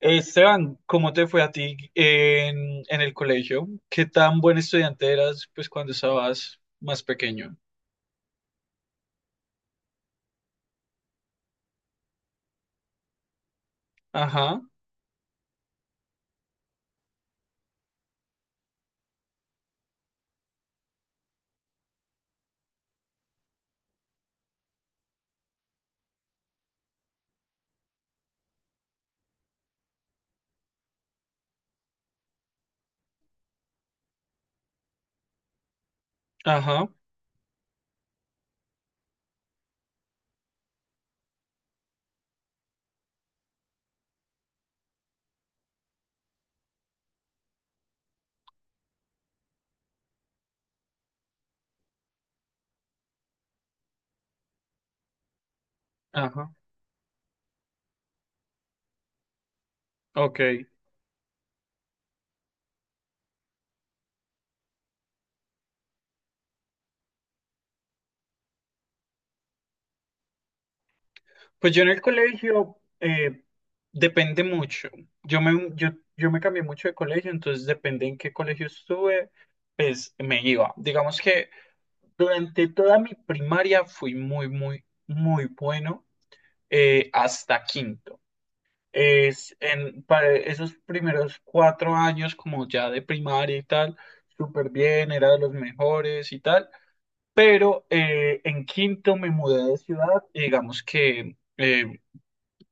Esteban, ¿cómo te fue a ti en el colegio? ¿Qué tan buen estudiante eras pues cuando estabas más pequeño? Ajá, ajá, ajá, ok. Pues yo en el colegio depende mucho. Yo me, yo, yo me cambié mucho de colegio, entonces depende en qué colegio estuve, pues me iba. Digamos que durante toda mi primaria fui muy, muy, muy bueno hasta quinto. Para esos primeros cuatro años, como ya de primaria y tal, súper bien, era de los mejores y tal. Pero en quinto me mudé de ciudad y digamos que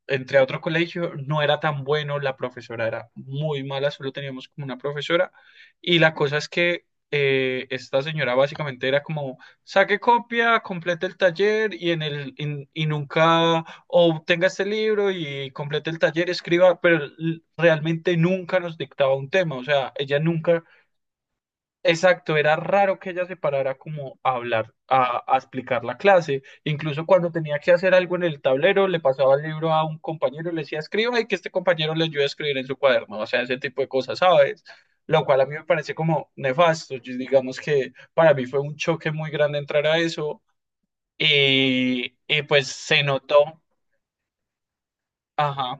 entre a otro colegio, no era tan bueno, la profesora era muy mala, solo teníamos como una profesora. Y la cosa es que esta señora básicamente era como, saque copia, complete el taller y nunca obtenga este libro y complete el taller, escriba, pero realmente nunca nos dictaba un tema, o sea, ella nunca. Exacto, era raro que ella se parara como a hablar, a explicar la clase. Incluso cuando tenía que hacer algo en el tablero, le pasaba el libro a un compañero y le decía, escriba y que este compañero le ayude a escribir en su cuaderno. O sea, ese tipo de cosas, ¿sabes? Lo cual a mí me parece como nefasto. Digamos que para mí fue un choque muy grande entrar a eso y pues se notó. Ajá,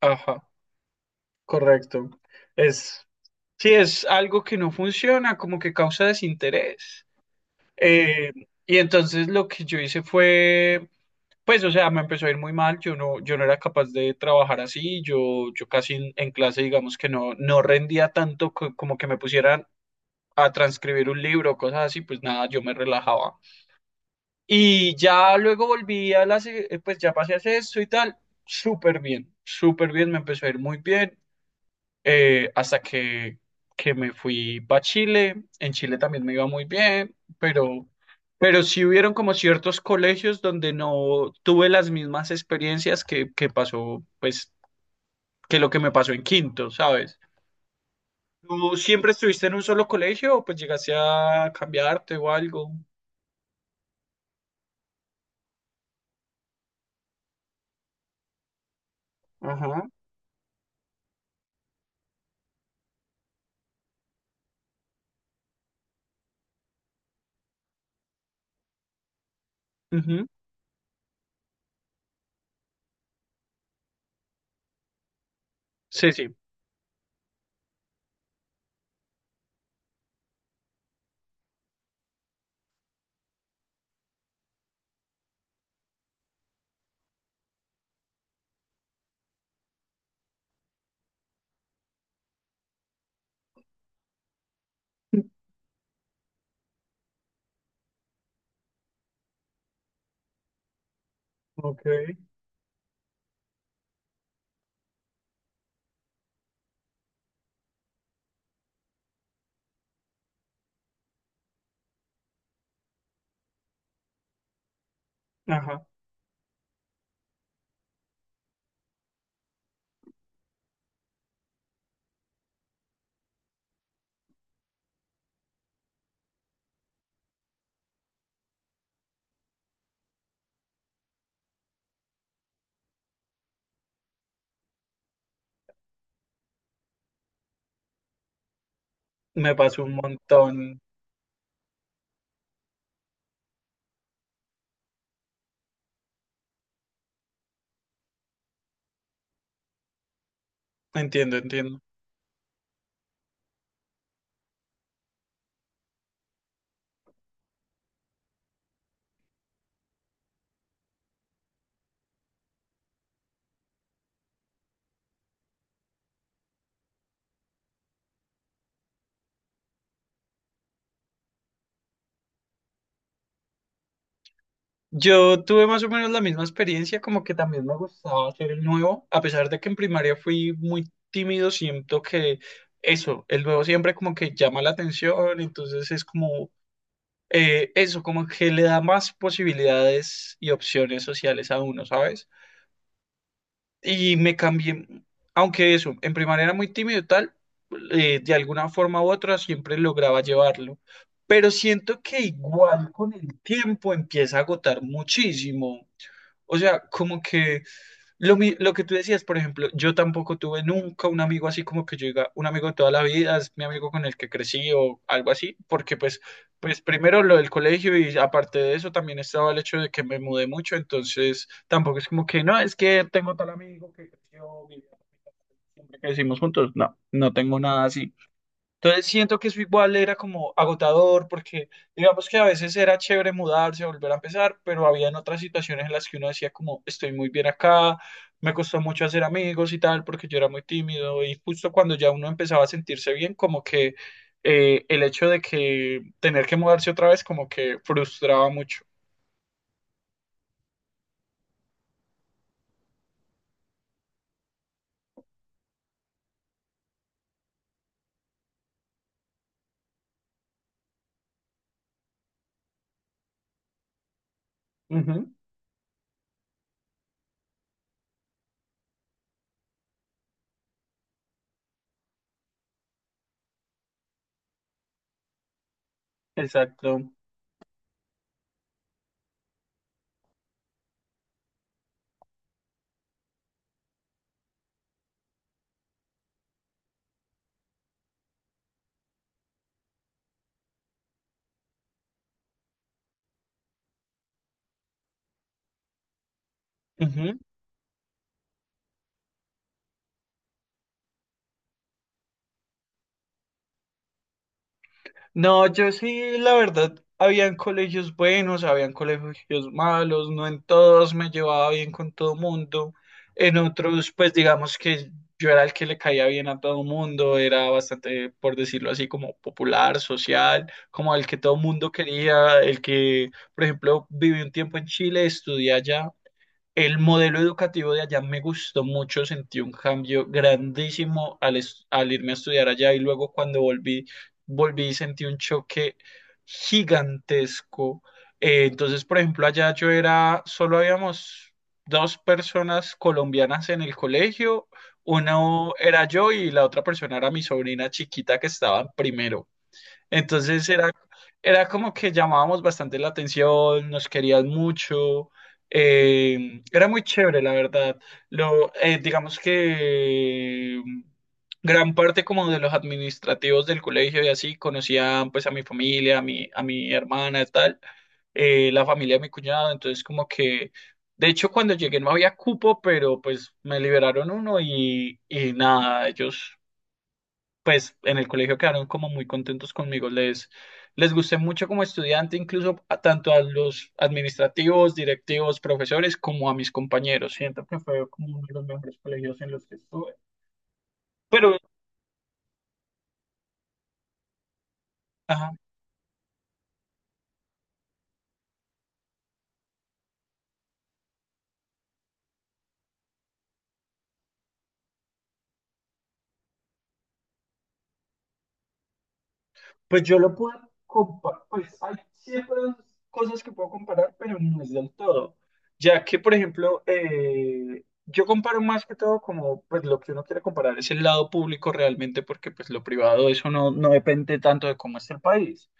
ajá, correcto. Es, sí, es algo que no funciona, como que causa desinterés. Eh, y entonces lo que yo hice fue, pues, o sea, me empezó a ir muy mal, yo no era capaz de trabajar así, yo casi en clase, digamos que no rendía tanto como que me pusieran a transcribir un libro, cosas así, pues nada, yo me relajaba. Y ya luego volví pues ya pasé a hacer y tal, súper bien, me empezó a ir muy bien hasta que me fui para Chile. En Chile también me iba muy bien, pero sí hubieron como ciertos colegios donde no tuve las mismas experiencias que pasó, pues, que lo que me pasó en quinto, ¿sabes? ¿Tú siempre estuviste en un solo colegio o pues llegaste a cambiarte o algo? Ajá. Ujú. Sí, sí. Ok. Ajá. Me pasó un montón. Entiendo, entiendo. Yo tuve más o menos la misma experiencia, como que también me gustaba ser el nuevo, a pesar de que en primaria fui muy tímido, siento que eso, el nuevo siempre como que llama la atención, entonces es como eso, como que le da más posibilidades y opciones sociales a uno, ¿sabes? Y me cambié, aunque eso, en primaria era muy tímido y tal, de alguna forma u otra siempre lograba llevarlo, pero siento que igual con el tiempo empieza a agotar muchísimo. O sea, como que lo que tú decías, por ejemplo, yo tampoco tuve nunca un amigo así como que yo diga, un amigo de toda la vida, es mi amigo con el que crecí o algo así, porque pues, pues primero lo del colegio y aparte de eso también estaba el hecho de que me mudé mucho, entonces tampoco es como que no, es que tengo tal amigo que creció, vivió siempre que decimos juntos, no tengo nada así. Entonces siento que eso igual era como agotador porque digamos que a veces era chévere mudarse, volver a empezar, pero habían otras situaciones en las que uno decía como estoy muy bien acá, me costó mucho hacer amigos y tal porque yo era muy tímido y justo cuando ya uno empezaba a sentirse bien como que el hecho de que tener que mudarse otra vez como que frustraba mucho. Ujú, exacto. Ujú. No, yo sí, la verdad, habían colegios buenos, habían colegios malos, no en todos me llevaba bien con todo mundo, en otros, pues digamos que yo era el que le caía bien a todo mundo, era bastante, por decirlo así, como popular, social, como el que todo mundo quería, el que, por ejemplo, viví un tiempo en Chile, estudié allá. El modelo educativo de allá me gustó mucho, sentí un cambio grandísimo al irme a estudiar allá y luego cuando volví, volví y sentí un choque gigantesco. Entonces, por ejemplo, allá yo era, solo habíamos dos personas colombianas en el colegio, una era yo y la otra persona era mi sobrina chiquita que estaba en primero. Entonces era, era como que llamábamos bastante la atención, nos querían mucho, era muy chévere, la verdad. Digamos que gran parte como de los administrativos del colegio y así conocían pues a mi familia, a mi hermana y tal, la familia de mi cuñado, entonces como que, de hecho cuando llegué no había cupo, pero pues me liberaron uno y nada, ellos pues en el colegio quedaron como muy contentos conmigo. Les gusté mucho como estudiante, incluso tanto a los administrativos, directivos, profesores, como a mis compañeros. Siento que fue como uno de los mejores colegios en los que estuve. Pero... Ajá, pues yo lo puedo comparar, pues hay siempre cosas que puedo comparar, pero no es del todo. Ya que, por ejemplo, yo comparo más que todo como, pues lo que uno quiere comparar es el lado público realmente, porque pues lo privado, eso no depende tanto de cómo es el país.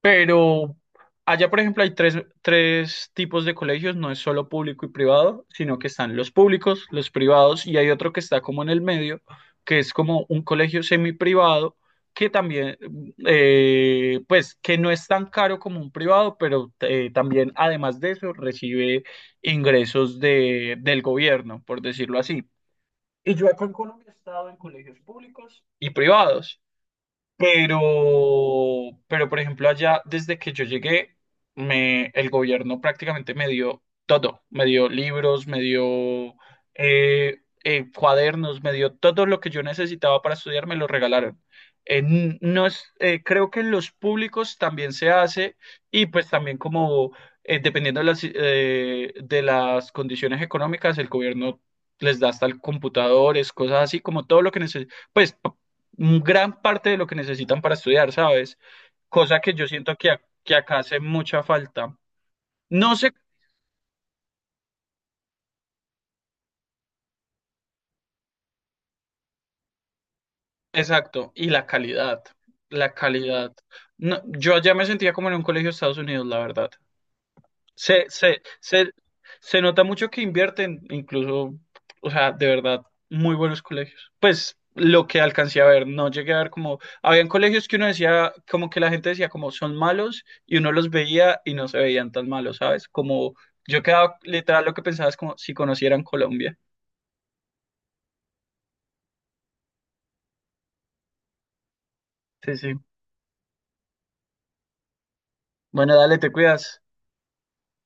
Pero allá, por ejemplo, hay tres tipos de colegios, no es solo público y privado, sino que están los públicos, los privados y hay otro que está como en el medio, que es como un colegio semiprivado, que también, pues, que no es tan caro como un privado, pero también, además de eso, recibe ingresos del gobierno, por decirlo así. Y yo acá en Colombia he estado en colegios públicos y privados. Pero, pero por ejemplo, allá desde que yo llegué, el gobierno prácticamente me dio todo. Me dio libros, me dio cuadernos, me dio todo lo que yo necesitaba para estudiar, me lo regalaron. No es, creo que en los públicos también se hace y pues también como dependiendo de las condiciones económicas, el gobierno les da hasta el computadores, cosas así, como todo lo que necesitan. Pues gran parte de lo que necesitan para estudiar, ¿sabes? Cosa que yo siento que, que acá hace mucha falta. No sé, exacto, y la calidad, la calidad. No, yo allá me sentía como en un colegio de Estados Unidos, la verdad. Se, se, se, se nota mucho que invierten, incluso, o sea, de verdad, muy buenos colegios. Pues lo que alcancé a ver, no llegué a ver como, habían colegios que uno decía, como que la gente decía como son malos y uno los veía y no se veían tan malos, ¿sabes? Como yo quedaba literal lo que pensaba es como si conocieran Colombia. Sí, sí. Bueno, dale, te cuidas.